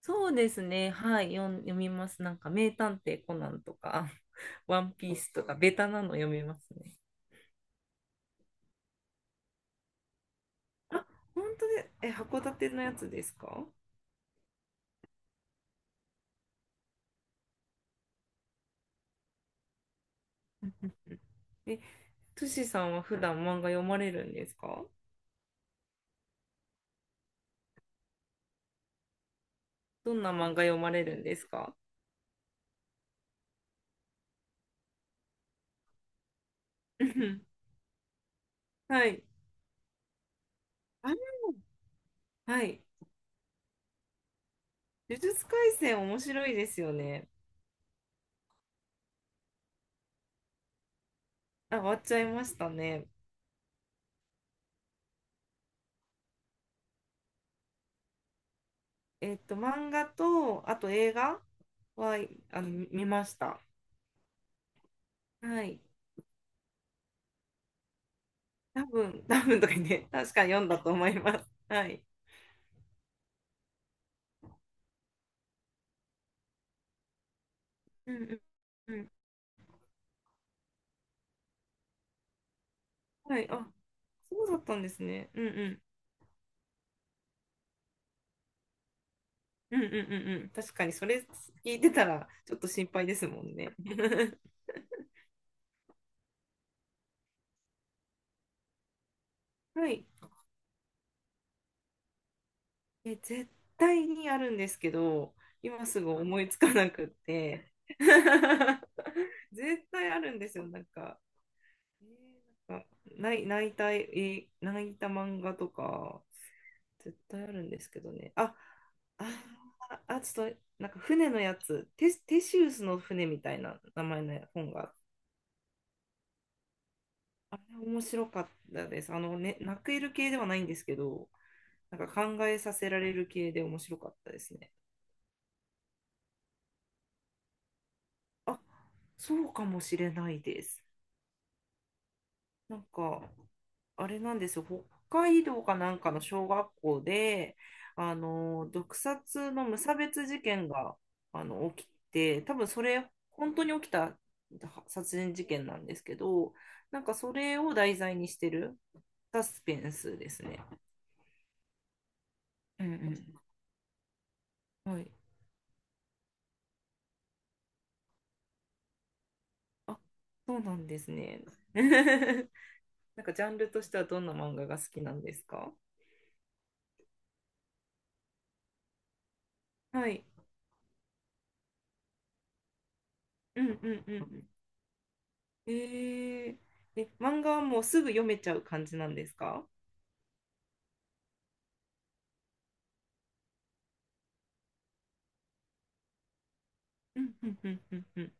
そうですね。はい。読みます。なんか、名探偵コナンとか、ワンピースとか、ベタなの読みますね。あ、本当で、函館のやつですか？え、トシさんは普段漫画読まれるんですか？どんな漫画読まれるんですか？うん。 はい。はい。呪術廻戦面白いですよね。あ、終わっちゃいましたね。えっと、漫画と、あと映画は、見ました。はい。多分、多分とか言って、確かに読んだと思います。はい。うんうんうん。はい。あ、そうだったんですね。うんうん。うんうんうんうん。確かに、それ聞いてたら、ちょっと心配ですもんね。はい。絶対にあるんですけど、今すぐ思いつかなくって。絶対あるんですよ、なんか。あ泣いた、泣いた漫画とか、絶対あるんですけどね。あ、ちょっと、なんか船のやつ、テシウスの船みたいな名前の本が、あれ面白かったです。あのね、泣ける系ではないんですけど、なんか考えさせられる系で面白かったですね。あ、そうかもしれないです。なんか、あれなんですよ、北海道かなんかの小学校で、毒殺の無差別事件が、起きて、多分それ、本当に起きた殺人事件なんですけど、なんかそれを題材にしてるサスペンスですね。うんうん。はい。あ、そうなんですね。なんかジャンルとしてはどんな漫画が好きなんですか？はい。うんうんうん。えー、漫画はもうすぐ読めちゃう感じなんですか？うんうんうんうんうん。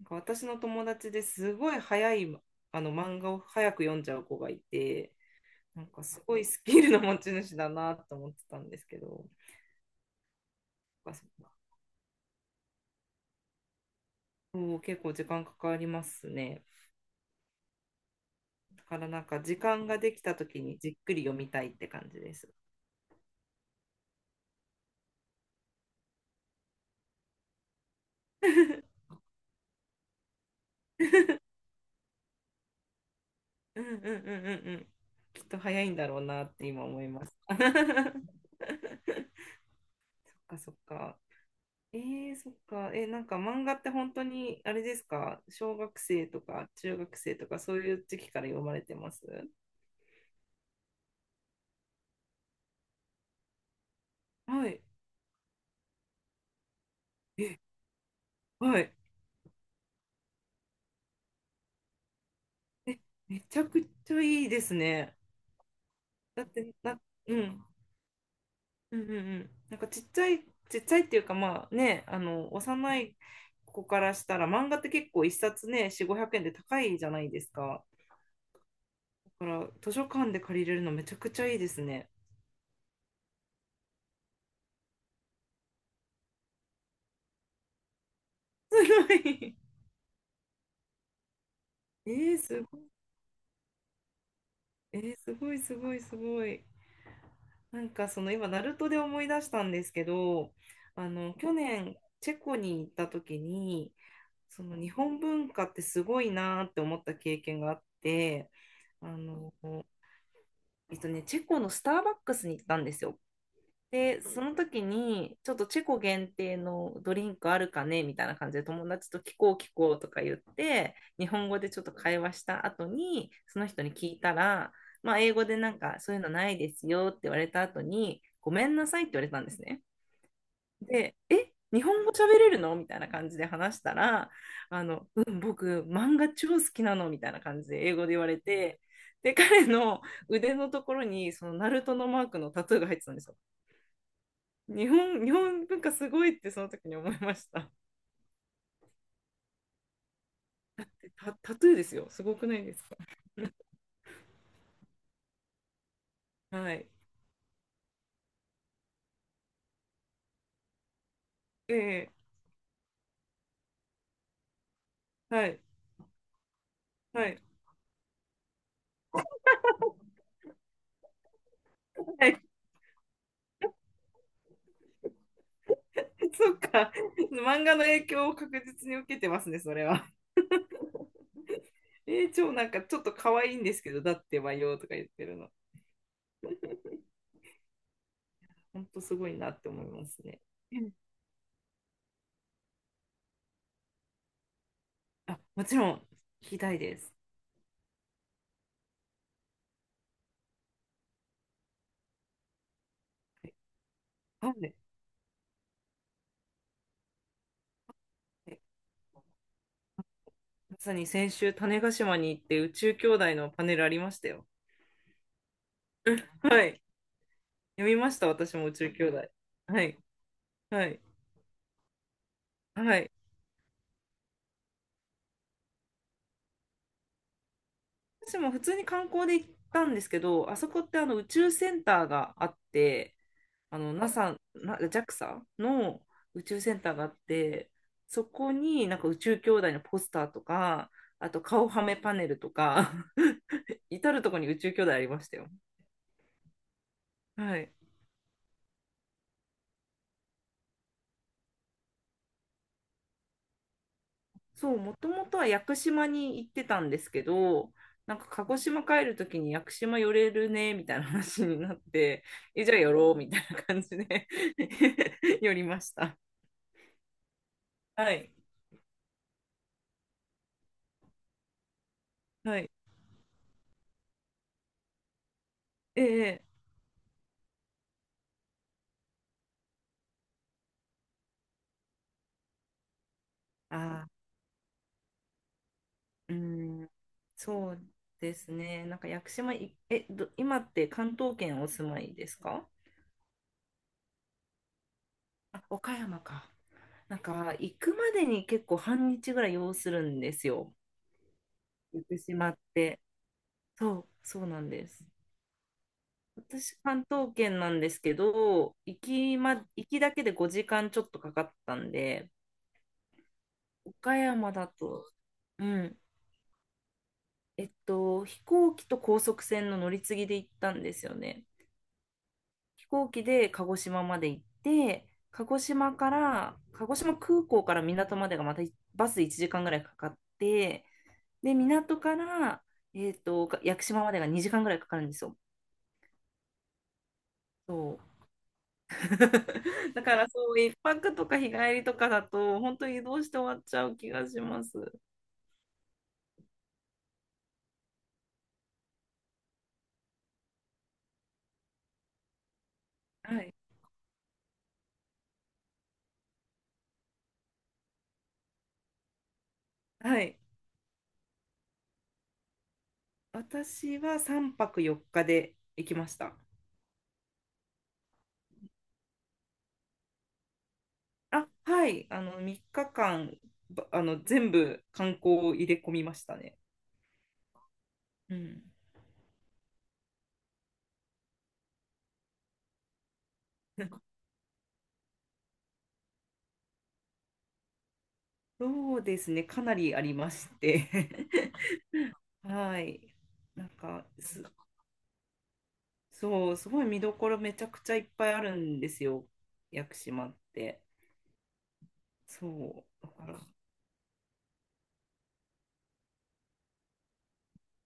なんか私の友達ですごい早いあの漫画を早く読んじゃう子がいて、なんかすごいスキルの持ち主だなと思ってたんですけど、そっか、そっか。そう、結構時間かかりますね。だからなんか時間ができた時にじっくり読みたいって感じです。うんうんうんうんうん。きっと早いんだろうなって今思います。そっか、そっか。ええ、そっか。え、なんか漫画って本当に、あれですか、小学生とか中学生とかそういう時期から読まれてます？はい。はい。え、めちゃくちゃいいですね。だって、うん。うんうんうん。なんかちっちゃい、ちっちゃいっていうか、まあね、あの、幼い子からしたら漫画って結構一冊ね、4、500円で高いじゃないですか。だから図書館で借りれるのめちゃくちゃいいですね。すごい。えー、すごい。えー、すごい、すごい、すごい。なんかその今、ナルトで思い出したんですけど、あの去年、チェコに行った時に、その日本文化ってすごいなーって思った経験があって、あの、えっとね、チェコのスターバックスに行ったんですよ。で、その時に、ちょっとチェコ限定のドリンクあるかねみたいな感じで友達と聞こう聞こうとか言って、日本語でちょっと会話した後に、その人に聞いたら、まあ、英語でなんか、そういうのないですよって言われた後に、ごめんなさいって言われたんですね。で、え、日本語喋れるのみたいな感じで話したら、あの、うん、僕、漫画超好きなのみたいな感じで英語で言われて、で、彼の腕のところに、その、ナルトのマークのタトゥーが入ってたんですよ。日本、日本文化すごいってその時に思いました。タトゥーですよ。すごくないですか？はい。ええ。はい。はい。はい。そっか。漫画の影響を確実に受けてますね、それは。えー、超なんかちょっと可愛いんですけど、だってばよとか言ってるの。ほんとすごいなって思いますね。うん。あ、もちろん、聞きたいです。はい。はい。まさに先週、種子島に行って宇宙兄弟のパネルありましたよ。はい。読みました、私も宇宙兄弟。はい。はい。はい。私も普通に観光で行ったんですけど、あそこってあの宇宙センターがあって、あの NASA、なジャクサの宇宙センターがあって、そこになんか宇宙兄弟のポスターとか、あと顔はめパネルとか 至るとこに宇宙兄弟ありましたよ。はい。そう、もともとは屋久島に行ってたんですけど、なんか鹿児島帰るときに屋久島寄れるねみたいな話になって、え、じゃあ寄ろうみたいな感じで 寄りました。はい。はい。ええ。あー、うん、そうですね。なんか屋久島い、え、ど、今って関東圏お住まいですか？あ、岡山か。なんか行くまでに結構半日ぐらい要するんですよ。屋久島って。そう、そうなんです。私、関東圏なんですけど、行きだけで5時間ちょっとかかったんで、岡山だと、うん、えっと、飛行機と高速船の乗り継ぎで行ったんですよね。飛行機で鹿児島まで行って、鹿児島から、鹿児島空港から港までがまたバス1時間ぐらいかかって、で、港から、えっと、屋久島までが2時間ぐらいかかるんですよ。そう。だからそう、一泊とか日帰りとかだと本当に移動して終わっちゃう気がします。はい。はい。私は3泊4日で行きました。あ、はい。あの3日間ばあの全部観光を入れ込みましたね。うん。そうですね。かなりありまして。はい。なんかす、そう、すごい見どころめちゃくちゃいっぱいあるんですよ。屋久島って。そう。だから、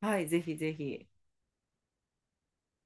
はい、ぜひぜひ。